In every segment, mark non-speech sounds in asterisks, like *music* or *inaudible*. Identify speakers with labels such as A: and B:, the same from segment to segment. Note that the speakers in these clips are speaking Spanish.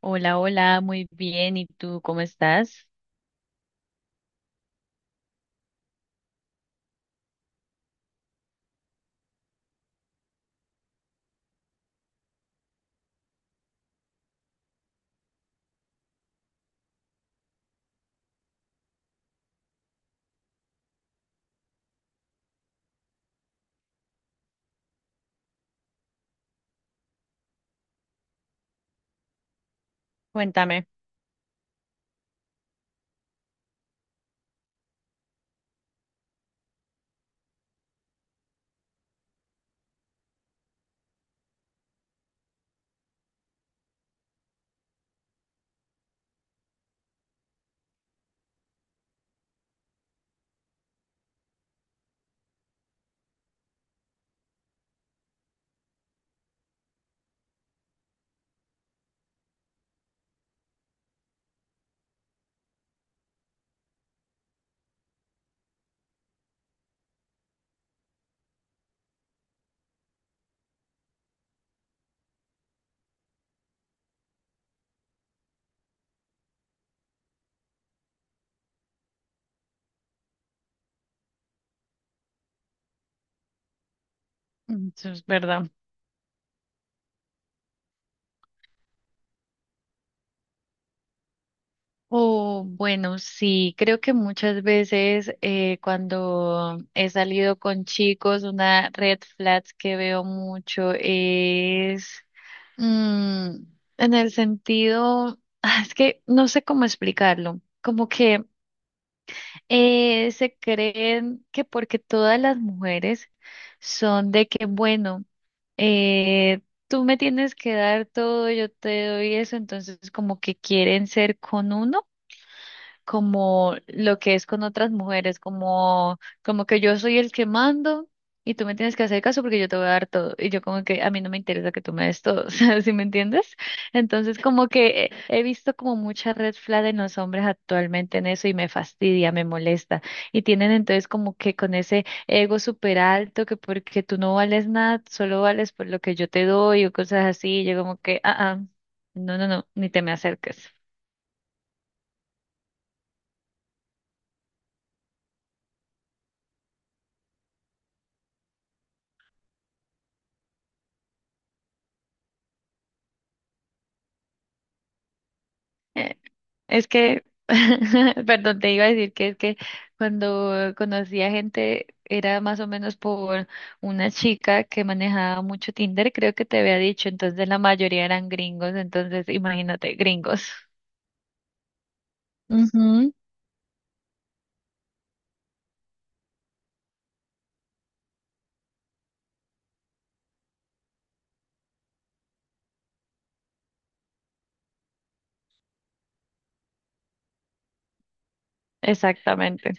A: Hola, hola, muy bien. ¿Y tú cómo estás? Cuéntame. Mm, eso es verdad. Oh, bueno, sí, creo que muchas veces cuando he salido con chicos, una red flag que veo mucho es mm, en el sentido, es que no sé cómo explicarlo, como que se creen que porque todas las mujeres son de que, bueno, eh, tú me tienes que dar todo, yo te doy eso, entonces como que quieren ser con uno como lo que es con otras mujeres, como, como que yo soy el que mando y tú me tienes que hacer caso porque yo te voy a dar todo. Y yo como que a mí no me interesa que tú me des todo, *laughs* o sea, ¿sí me entiendes? Entonces como que he visto como mucha red flag en los hombres actualmente en eso y me fastidia, me molesta. Y tienen entonces como que con ese ego súper alto que porque tú no vales nada, solo vales por lo que yo te doy o cosas así. Y yo como que, no, no, no, ni te me acerques. Eh, Es que, *laughs* perdón, te iba a decir que es que cuando conocí a gente era más o menos por una chica que manejaba mucho Tinder, creo que te había dicho, entonces la mayoría eran gringos, entonces imagínate, gringos. Ujú. *laughs* Exactamente.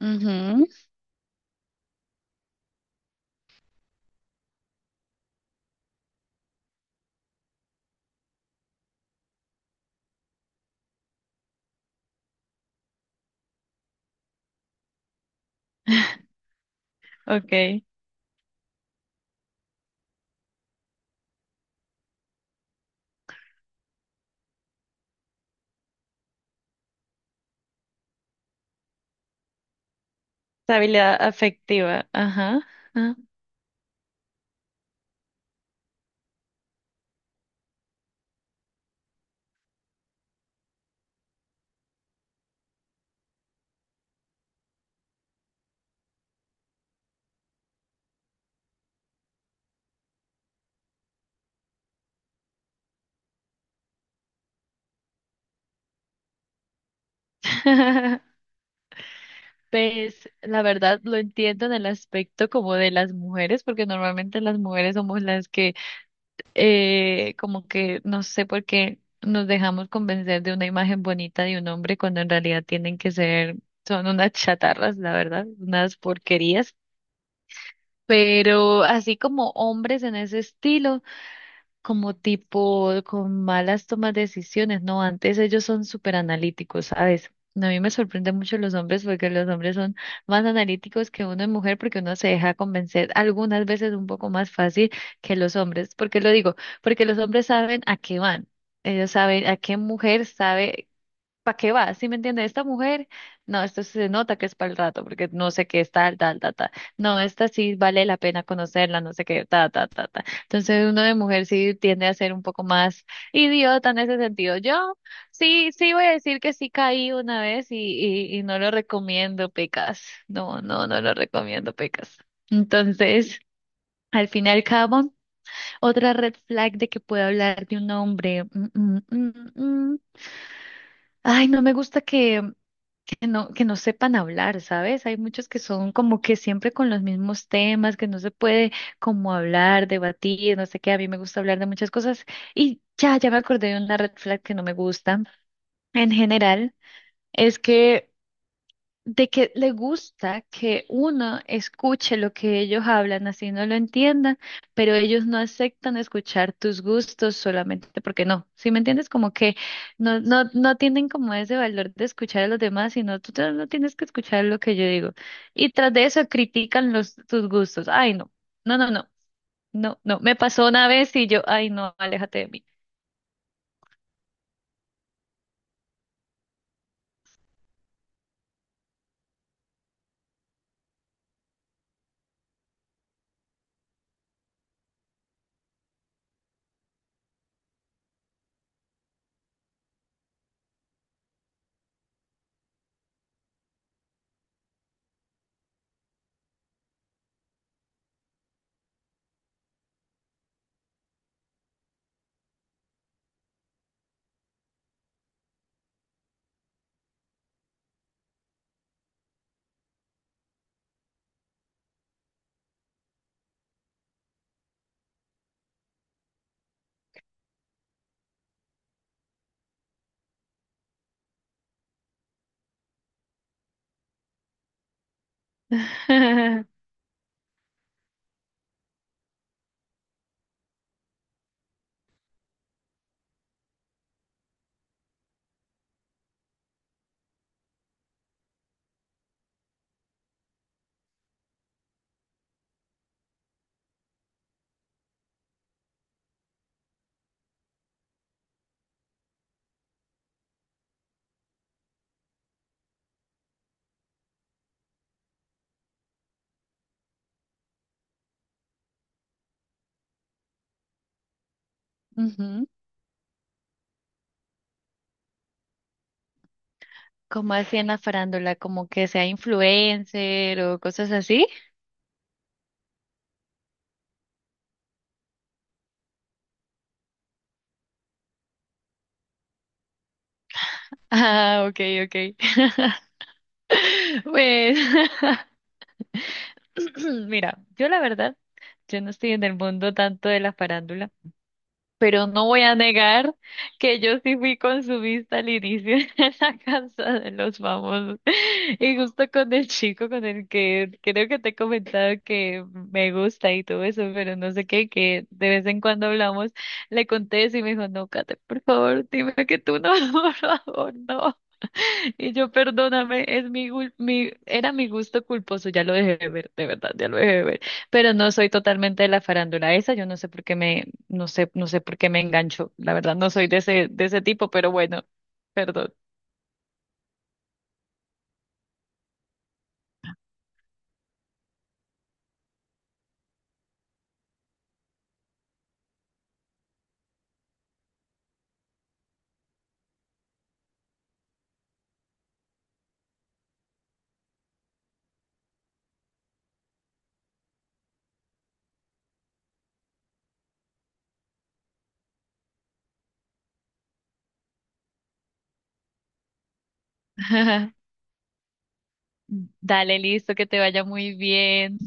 A: Ujú. Okay. Estabilidad afectiva. Ajá. Ah. *laughs* Pues la verdad lo entiendo en el aspecto como de las mujeres, porque normalmente las mujeres somos las que como que no sé por qué nos dejamos convencer de una imagen bonita de un hombre cuando en realidad tienen que ser, son unas chatarras, la verdad, unas porquerías. Pero así como hombres en ese estilo como tipo con malas tomas de decisiones, ¿no? Antes ellos son súper analíticos, ¿sabes? A mí me sorprende mucho los hombres porque los hombres son más analíticos que uno es mujer porque uno se deja convencer algunas veces un poco más fácil que los hombres. ¿Por qué lo digo? Porque los hombres saben a qué van. Ellos saben a qué mujer sabe. ¿Para qué va? ¿Sí me entiende? Esta mujer, no, esto se nota que es para el rato, porque no sé qué es tal, tal, tal, tal. No, esta sí vale la pena conocerla, no sé qué, ta, ta, ta, ta. Entonces uno de mujer sí tiende a ser un poco más idiota en ese sentido. Yo sí, sí voy a decir que sí caí una vez y no lo recomiendo, Pecas. No, no, no lo recomiendo, Pecas. Entonces, al fin y al cabo, otra red flag de que pueda hablar de un hombre. Mm. Ay, no me gusta que no sepan hablar, ¿sabes? Hay muchos que son como que siempre con los mismos temas, que no se puede como hablar, debatir, no sé qué. A mí me gusta hablar de muchas cosas y ya, ya me acordé de una red flag que no me gusta en general, es que de que le gusta que uno escuche lo que ellos hablan, así no lo entiendan, pero ellos no aceptan escuchar tus gustos solamente porque no. ¿Sí me entiendes? Como que no, no, no tienen como ese valor de escuchar a los demás, sino tú te- no tienes que escuchar lo que yo digo. Y tras de eso critican los, tus gustos. Ay, no, no, no, no, no, no. Me pasó una vez y yo, ay, no, aléjate de mí. *laughs* Ujú. ¿Como así en la farándula, como que sea influencer o cosas así? Ah, ok, ok. *laughs* Pues, *laughs* mira, yo la verdad, yo no estoy en el mundo tanto de la farándula, pero no voy a negar que yo sí fui consumista al inicio *laughs* en la casa de los famosos. Y justo con el chico con el que creo que te he comentado que me gusta y todo eso, pero no sé qué, que de vez en cuando hablamos, le conté eso y me dijo, no, Kate, por favor, dime que tú no, *laughs* por favor, no. Y yo, perdóname, es mi, gul- mi, era mi gusto culposo, ya lo dejé de ver, de verdad, ya lo dejé de ver. Pero no soy totalmente de la farándula esa, yo no sé por qué no sé, no sé por qué me engancho. La verdad no soy de ese tipo, pero bueno, perdón. *laughs* Dale, listo, que te vaya muy bien.